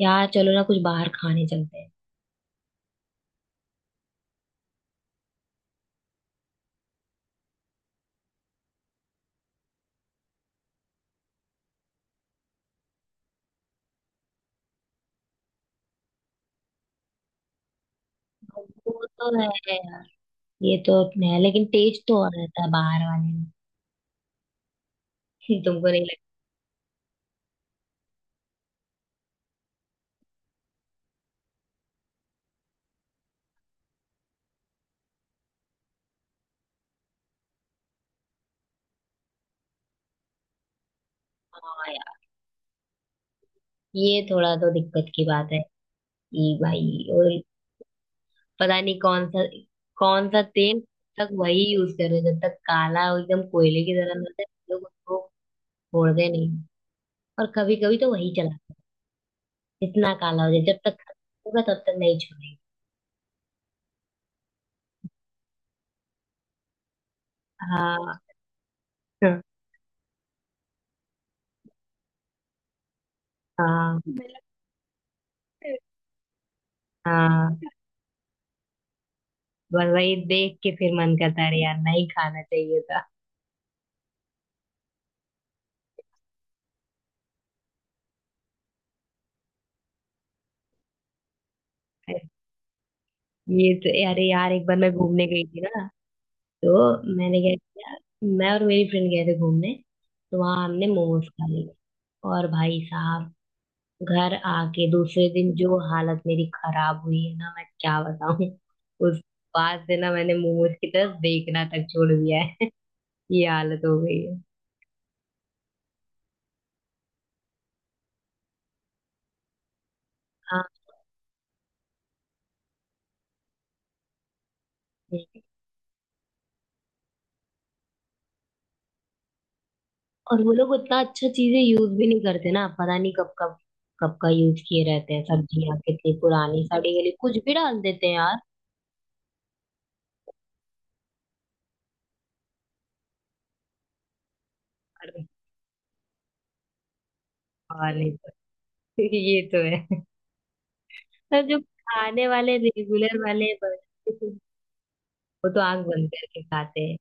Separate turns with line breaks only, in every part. यार चलो ना कुछ बाहर खाने चलते हैं। वो तो है यार। ये तो है लेकिन टेस्ट तो और रहता है बाहर वाले में। तुमको नहीं लगता? हाँ यार, ये थोड़ा तो दिक्कत की बात है ये भाई। और पता नहीं कौन सा कौन सा तेल तक वही यूज कर रहे हैं, जब तक काला हो, एकदम कोयले की तरह मिलता है। लोग उसको छोड़ते नहीं। और कभी कभी तो वही चलाते हैं, इतना काला हो जाए, जब तक खत्म होगा तब तक नहीं छोड़ेंगे। हाँ हाँ हाँ, बस वही देख के फिर मन करता है, अरे यार नहीं खाना चाहिए था। ये तो, अरे यार एक बार मैं घूमने गई थी ना। तो मैंने क्या किया, मैं और मेरी फ्रेंड गए थे घूमने। तो वहां हमने मोमोज खा लिए और भाई साहब, घर आके दूसरे दिन जो हालत मेरी खराब हुई है ना, मैं क्या बताऊं। उस बाद से ना, मैंने मोमोज की तरफ देखना तक छोड़ दिया है। ये हालत हो गई है। हाँ। और वो लोग उतना अच्छा चीजें यूज भी नहीं करते ना, पता नहीं कब कब कब का यूज किए रहते हैं, सब्जियां कितनी पुरानी सड़ी गली कुछ भी डाल देते हैं यार। अरे हाँ, नहीं तो ये तो है। पर जो खाने वाले रेगुलर वाले वो तो आंख बंद करके खाते हैं।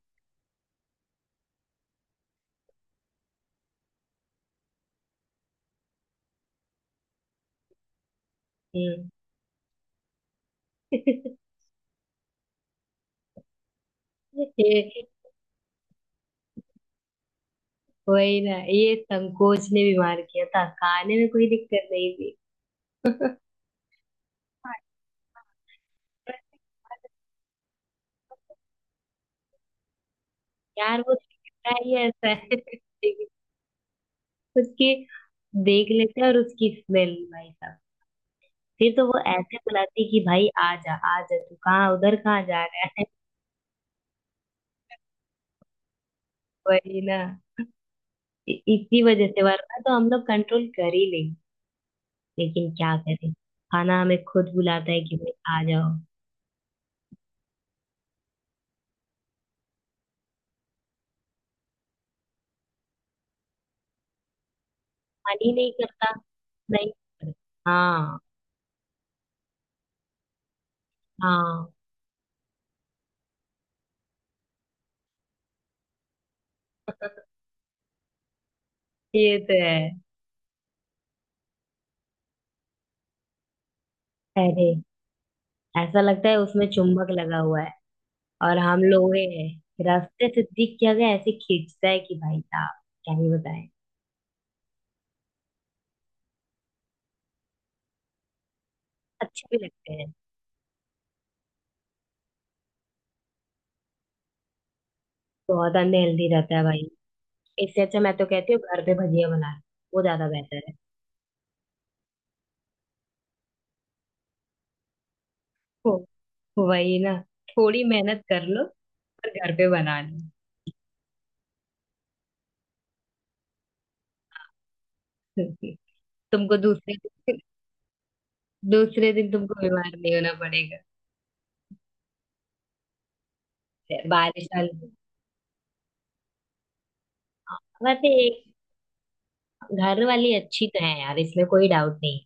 हम्म। ये वही ना, ये संकोच ने बीमार किया था, खाने में कोई दिक्कत नहीं थी। यार वो दिखता ही ऐसा है। उसकी देख लेते हैं और उसकी स्मेल भाई साहब, फिर तो वो ऐसे बुलाती कि भाई आ जा आ जा, तू कहाँ, उधर कहाँ जा रहा है। वही ना। इसी वजह से वरना तो हम लोग कंट्रोल कर ही लेंगे। लेकिन क्या करें, खाना हमें खुद बुलाता है कि भाई आ जाओ। मन ही नहीं करता, नहीं करता। हाँ। हाँ ये तो है। अरे ऐसा लगता है उसमें चुंबक लगा हुआ है और हम लोहे हैं। रास्ते से दिख क्या गया, ऐसे खींचता है कि भाई साहब क्या ही बताएं। अच्छे भी लगते हैं। बहुत अनहेल्दी रहता है भाई। इससे अच्छा मैं तो कहती हूँ, घर पे भजिया बना लो, वो ज्यादा बेहतर है। हो, वही ना, थोड़ी मेहनत कर लो, पर घर पे बना लो। तुमको दूसरे दिन, दूसरे दिन तुमको बीमार नहीं होना पड़ेगा। फिर बारिश वाले। वैसे एक, घर वाली अच्छी तो है यार, इसमें कोई डाउट नहीं।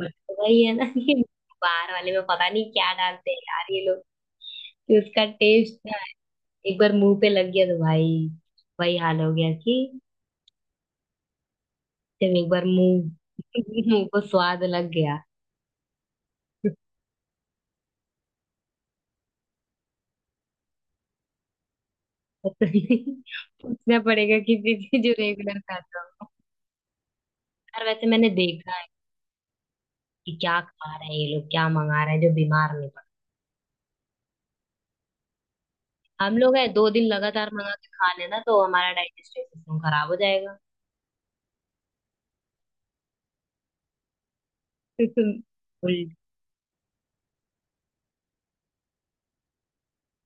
बट वही है ना कि बाहर वाले में पता नहीं क्या डालते हैं यार ये लोग, कि उसका टेस्ट ना एक बार मुंह पे लग गया तो भाई वही हाल हो गया कि जब एक बार मुंह मुंह को स्वाद लग गया। तो तुम्हें पूछना पड़ेगा किसी से जो रेगुलर खाता हो। यार वैसे मैंने देखा है कि क्या खा रहे हैं ये लोग, क्या मंगा रहे हैं जो बीमार नहीं पड़ता। हम लोग है दो दिन लगातार मंगा के खा लेना तो हमारा डाइजेस्टिव सिस्टम खराब हो जाएगा। उल्ट-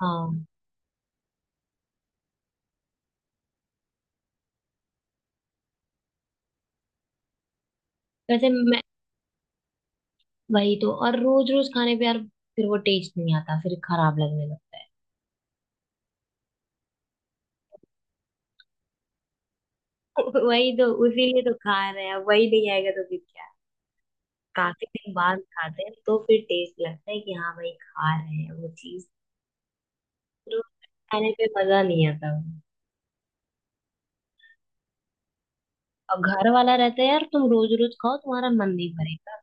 हाँ। वैसे मैं, वही तो, और रोज रोज खाने पे यार फिर वो टेस्ट नहीं आता, फिर खराब लगने लगता है। वही तो, उसीलिए तो खा रहे हैं, वही नहीं आएगा तो फिर क्या। काफी दिन बाद खाते हैं तो फिर टेस्ट लगता है कि हाँ भाई खा रहे हैं वो चीज। रोज खाने पे मजा नहीं आता। अब घर वाला रहता है यार, तुम रोज रोज खाओ तुम्हारा मन नहीं भरेगा।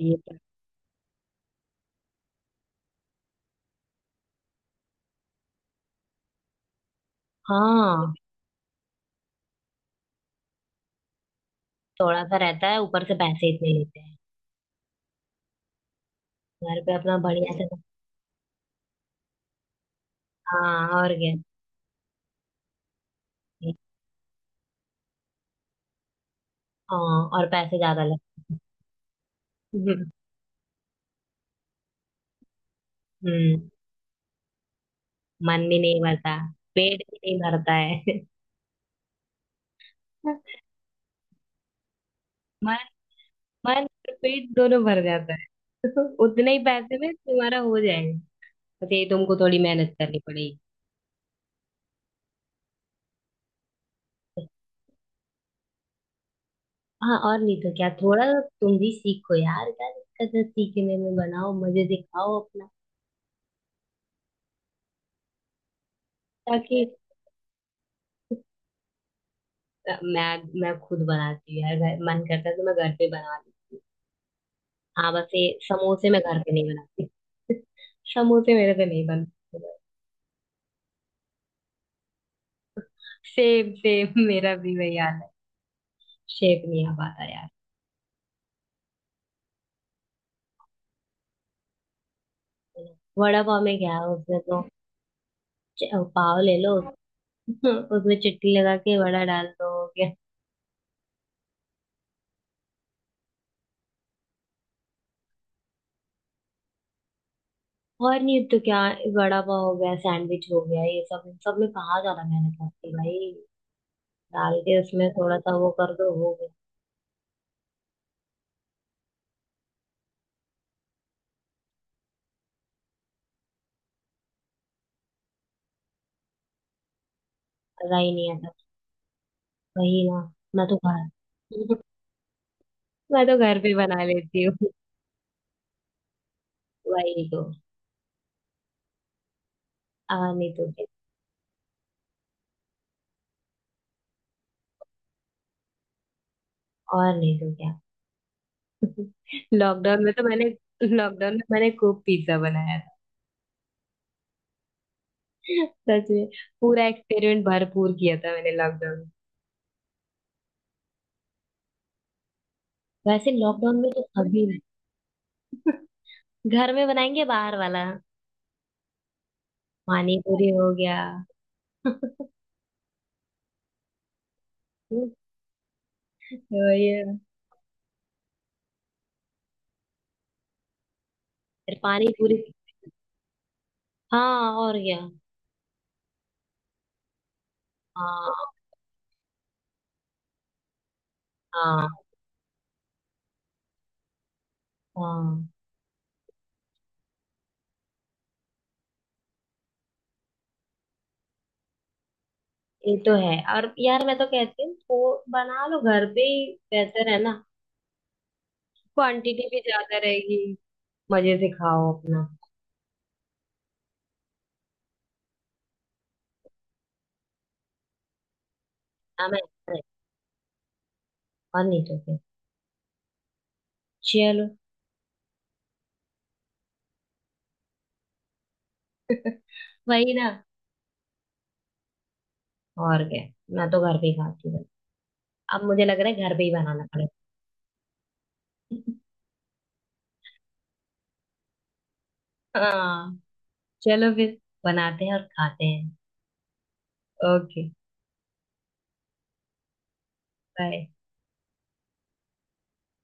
ये तो। हाँ, थोड़ा सा रहता है, ऊपर से पैसे इतने लेते हैं। घर पे अपना बढ़िया से। हाँ और क्या। हाँ और पैसे ज्यादा लगते हैं। हम्म। मन भी नहीं भरता, पेट भी नहीं भरता है। मन मन और पेट दोनों भर जाता है, उतने ही पैसे में तुम्हारा हो जाएगा। तो ये तुमको थोड़ी मेहनत करनी पड़ेगी। हाँ और नहीं तो क्या, थोड़ा तुम भी सीखो यार, क्या दिक्कत है सीखने में, बनाओ मजे से खाओ अपना। ताकि मैं मैं खुद बनाती हूँ यार, मन करता है तो मैं घर पे बना लूँ। हाँ, बस ये समोसे मैं घर पे नहीं बनाती, समोसे मेरे से नहीं बनते। सेम सेम मेरा भी वही हाल है। शेप नहीं आ पाता यार। वड़ा पाव में क्या है, उसमें तो च- पाव ले लो, उसमें चटनी लगा के वड़ा डाल दो, हो गया। और नहीं तो क्या, वड़ा पाव हो गया, सैंडविच हो गया, ये सब, इन सब में कहाँ ज्यादा मेहनत लगती है भाई। डाल के उसमें थोड़ा सा वो कर दो, हो गया। मजा ही नहीं आता। वही ना। मैं तो घर मैं तो घर पे बना लेती हूँ। वही तो, और नहीं तो क्या। और नहीं तो क्या। लॉकडाउन में तो मैंने लॉकडाउन में मैंने खूब पिज्जा बनाया। सच में। पूरा एक्सपेरिमेंट भरपूर किया था मैंने लॉकडाउन में। वैसे लॉकडाउन में तो अभी, घर में बनाएंगे, बाहर वाला पानी पूरी हो गया। हम्म, तो ये। फिर पानी पूरी। हाँ और क्या। हाँ हाँ। हाँ ये तो है, और यार मैं तो कहती हूँ वो बना लो, घर पे ही बेहतर है ना, क्वांटिटी भी ज्यादा रहेगी, मजे से खाओ अपना। हाँ मैं, और नहीं तो क्या। चलो, वही ना, और क्या, मैं तो घर पे ही खाती हूँ। अब मुझे लग रहा है घर पे ही बनाना पड़ेगा। हाँ चलो फिर, बनाते हैं और खाते हैं। ओके। बाय।